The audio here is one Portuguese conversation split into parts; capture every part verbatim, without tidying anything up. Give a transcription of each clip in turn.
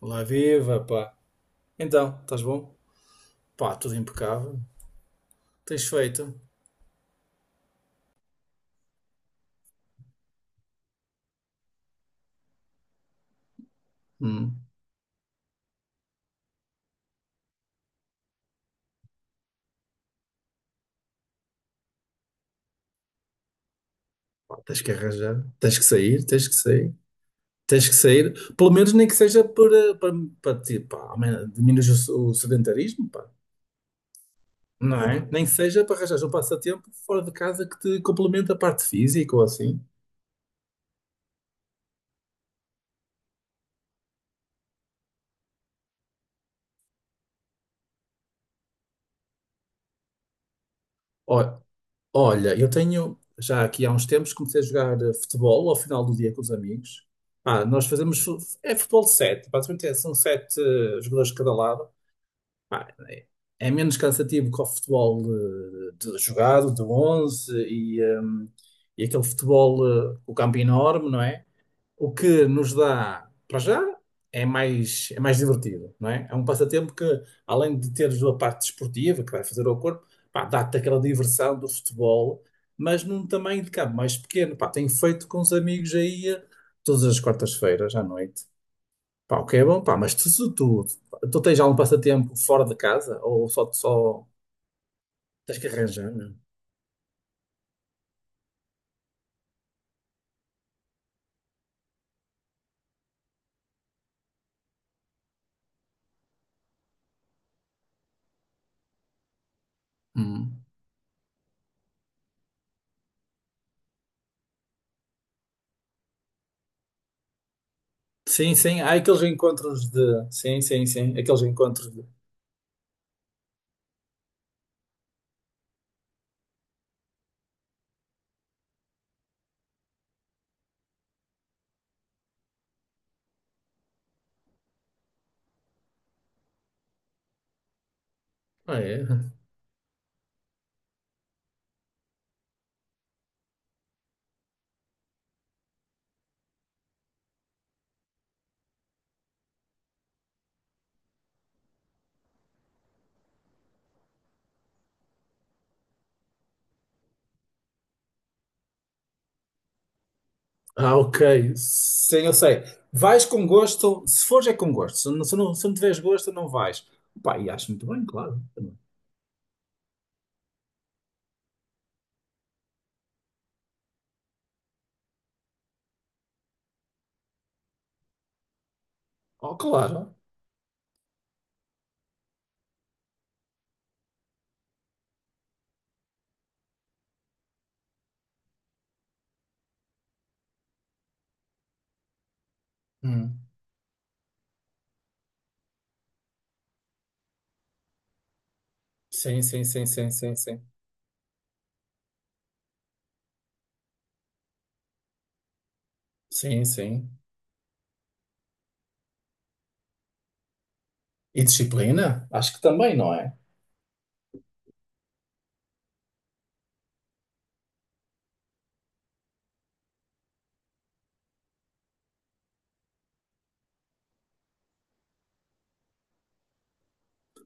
Olá, viva, pá. Então, estás bom? Pá, tudo impecável. Tens feito? Hum. Pá, tens que arranjar. Tens que sair, tens que sair. Tens que sair. Pelo menos nem que seja para, para, para ti, pá, amen- diminuir o, o sedentarismo, pá. Não é? Nem que seja para arranjar um passatempo fora de casa que te complemente a parte física ou assim. Ó- Olha, eu tenho, já aqui há uns tempos, comecei a jogar eh, futebol ao final do dia com os amigos. Pá, nós fazemos, fu- é futebol de sete. Basicamente é- são sete eh, jogadores de cada lado. Pá, é é menos cansativo que o futebol, eh, de, jogado, de onze e, ehm, e aquele futebol, eh, o campo enorme, não é? O que nos dá, para já, é mais, é mais divertido, não é? É um passatempo que, além de teres a parte desportiva que vai fazer ao corpo, pá, dá-te aquela diversão do futebol, mas num tamanho de campo mais pequeno. Pá, tenho feito com os amigos aí eh, todas as quartas-feiras à noite. Pá, o que é bom. Pá, mas tu, tu, tu, tu tens algum passatempo fora de casa ou só, só tens que arranjar, meu? Hum. Sim, sim, há aqueles encontros de. Sim, sim, sim, aqueles encontros de. Ah, é? Ah, ok. Sim, eu sei. Vais com gosto. Se fores, é com gosto. Se não, se não, se não, tiveres gosto, não vais. Pá, e acho muito bem, claro. Oh, claro. Hum. Sim, sim, sim, sim, sim, sim. Sim, sim. E disciplina? Acho que também, não é?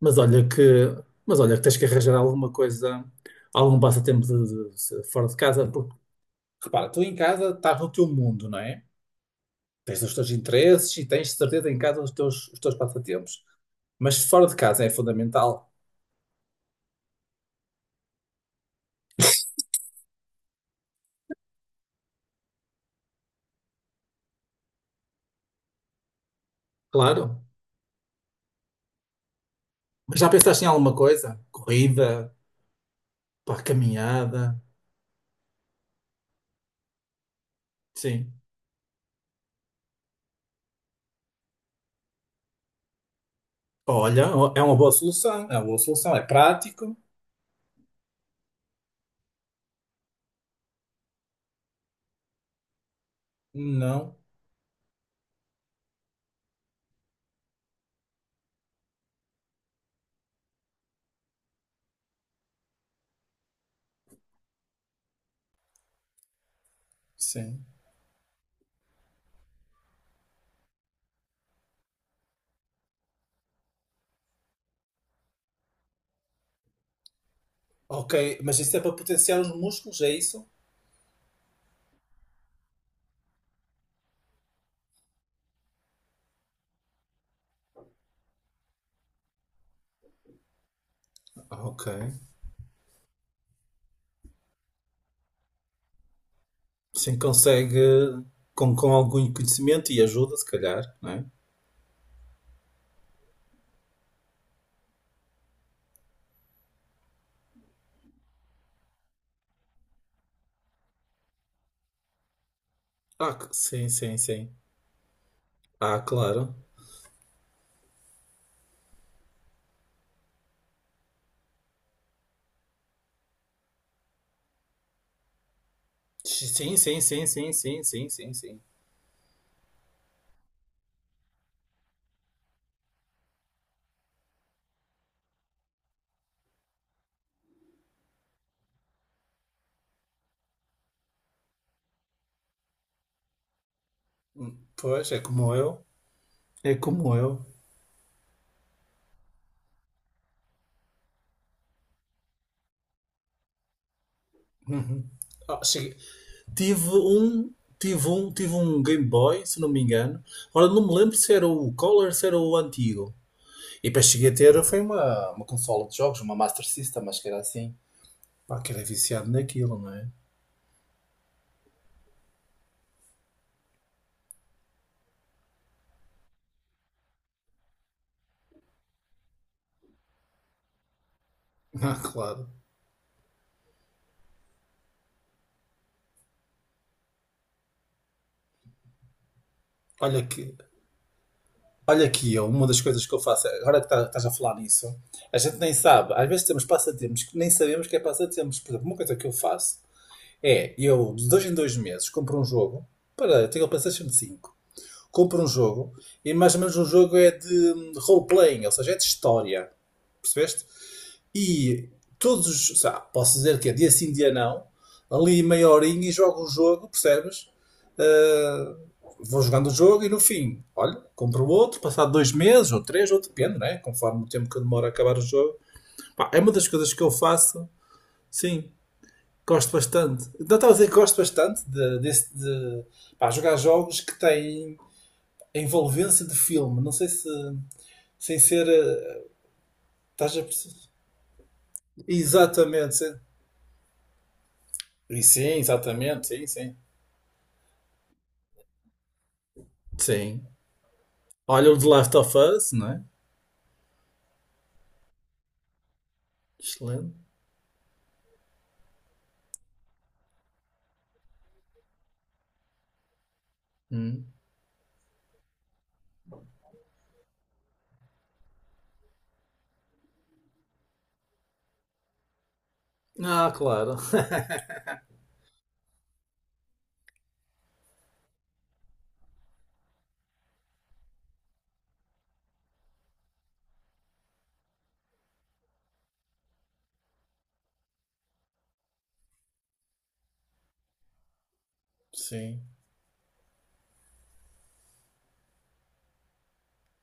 Mas olha que, mas olha que tens que arranjar alguma coisa, algum passatempo de, de- se- fora de casa, porque repara, tu em casa estás no teu mundo, não é? Tens os teus interesses e tens de certeza em casa os teus, os teus passatempos. Mas fora de casa é fundamental, claro. Mas já pensaste em alguma coisa? Corrida, pá, caminhada, sim. Olha, é uma boa solução, é uma boa solução, é prático. Não, sim. Ok, mas isso é para potenciar os músculos, é isso? Ok. Sim, consegue com, com algum conhecimento e ajuda, se calhar, não é? Ah, c- sim, sim, sim. Ah, claro. Sim, sim, sim, sim, sim, sim, sim, sim. Hum, pois, é como eu. É como eu. Uhum. Ah, cheguei- Tive um, tive um, tive um Game Boy, se não me engano. Ora, não me lembro se era o Color, se era o antigo. E depois cheguei a ter, foi uma, uma consola de jogos, uma Master System, acho que era assim. Pá, que era viciado naquilo, não é? Ah, claro. Olha que Olha aqui, eu, uma das coisas que eu faço, agora que tá- estás a falar nisso, a gente nem sabe. Às vezes temos passatempos que nem sabemos que é passatempos. Por exemplo, uma coisa que eu faço é, eu de dois em dois meses compro um jogo. Para, eu tenho o PlayStation cinco, compro um jogo, e mais ou menos um jogo é de hum, role-playing, ou seja, é de história, percebeste? E todos os. Posso dizer que é dia sim, dia não. Ali meia horinha e jogo o jogo, percebes? Ah, vou jogando o jogo e no fim, olha, compro outro, passado dois meses ou três, ou depende, né? Conforme o tempo que demora a acabar o jogo. Pá, é uma das coisas que eu faço, sim, gosto bastante. Não, estava a dizer que gosto bastante de, desse- de, pá, jogar jogos que têm a envolvência de filme. Não sei se. Sem ser. eh, Estás a perceber? Exatamente. E Sim, exatamente, sim, sim. Sim. Olha o The Last of Us, não é? Excelente. Hum. Ah, claro. Sim,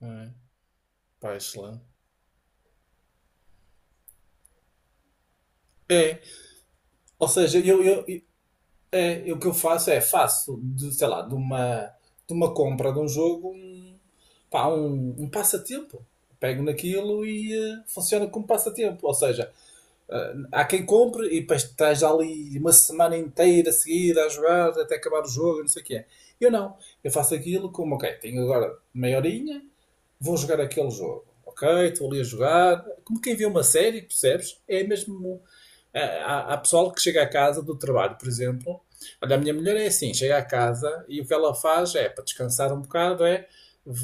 é. Pá, excelente. É, ou seja, eu, eu, eu- é, eu- o que eu faço é faço de, sei lá, de uma, de uma compra de um jogo um, pá, um, um passatempo. Pego naquilo e eh, funciona como passatempo. Ou seja, ah, há quem compre e depois estás ali uma semana inteira seguida a jogar até acabar o jogo, não sei o que é. Eu não. Eu faço aquilo como, ok, tenho agora meia horinha, vou jogar aquele jogo. Ok, estou ali a jogar. Como quem vê uma série, percebes? É mesmo. É, Há, há pessoal que chega a casa do trabalho, por exemplo. Olha, a minha mulher é assim, chega a casa e o que ela faz é, para descansar um bocado, é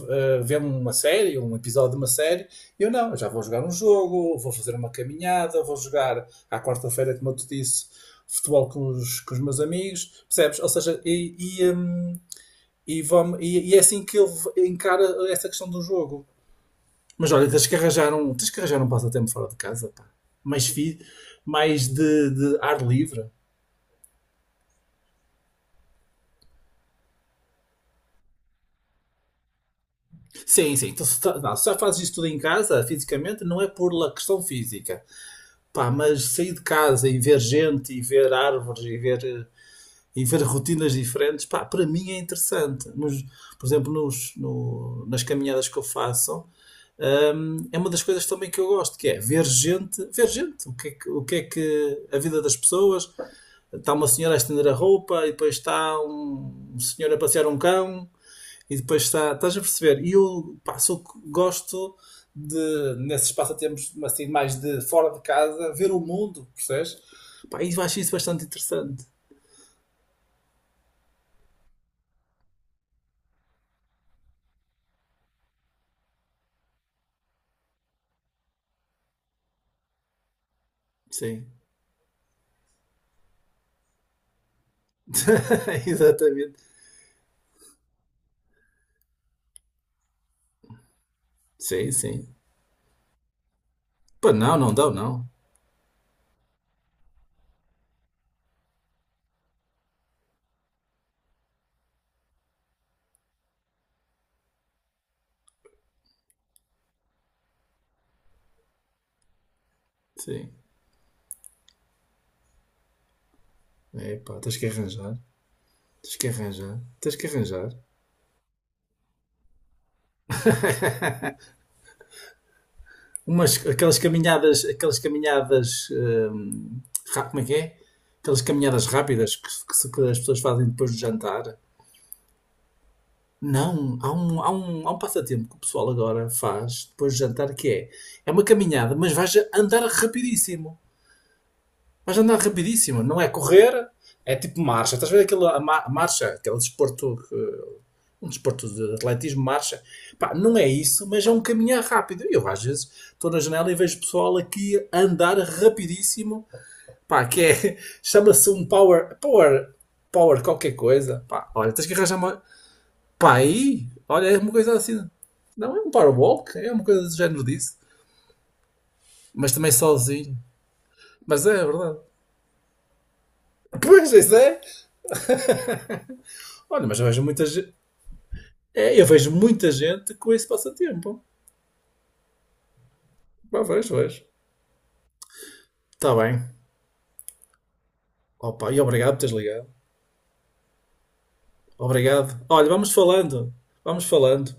eh, ver uma série, um episódio de uma série. Eu não, eu já vou jogar um jogo, vou fazer uma caminhada, vou jogar à quarta-feira, como eu te disse, futebol com os, com os meus amigos, percebes? Ou seja, e, e, hum, e, vamo- e- e é assim que ele v- encara essa questão do jogo. Mas olha, tens que arranjar um, tens que arranjar um passatempo fora de casa, pá. Mais, fi, mais de, de, ar livre. Sim, sim. Então, se, tá- não, se já fazes isso tudo em casa, fisicamente, não é por la questão física. Pá, mas sair de casa e ver gente, e ver árvores, e ver, eh, e ver rotinas diferentes, pá, para mim é interessante. Nos- por exemplo, nos, no- nas caminhadas que eu faço, hum, é uma das coisas também que eu gosto, que é ver gente, ver gente, o que é que, o que, é que a vida das pessoas. Está uma senhora a estender a roupa e depois está um, um senhor a passear um cão, e depois está, estás a perceber? E eu, pá, sou- gosto, de, nesses passatempos assim, mais de fora de casa, ver o mundo, percebes? Pá, e eu acho isso bastante interessante. Sim, exatamente. Sim, sim. Pá, não, não dá, não. Sim. É, pá, tens que arranjar. Tens que arranjar. Tens que arranjar. Umas, aquelas caminhadas, aquelas caminhadas, hum, ra- como é que é? Aquelas caminhadas rápidas que, que se- que as pessoas fazem depois do jantar. Não, há um, há um, há um passatempo que o pessoal agora faz depois do jantar que é, é uma caminhada, mas vais a andar rapidíssimo. Mas andar rapidíssimo, não é correr, é tipo marcha. Estás a ver aquela a ma- marcha, aquele desporto, eh, um desporto de atletismo, marcha. Pá, não é isso, mas é um caminhar rápido. Eu às vezes estou na janela e vejo pessoal aqui a andar rapidíssimo, pá, que é, chama-se um power, power, power qualquer coisa. Pá, olha, tens que arranjar uma, pá, aí, olha, é uma coisa assim. Não, é um power walk, é uma coisa do género disso, mas também sozinho. Mas é, é verdade. Pois, isso é. Olha, mas eu vejo muita gente. É, eu vejo muita gente com esse passatempo. Pá, vejo, vejo. Está bem. Opa, e obrigado por teres ligado. Obrigado. Olha, vamos falando. Vamos falando.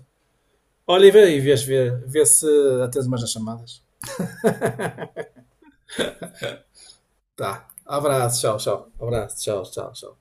Olha, e vê, e vês, vê, vê se atendes mais nas chamadas. Tá. Abraço, tchau, tchau. Abraço, tchau, tchau, tchau.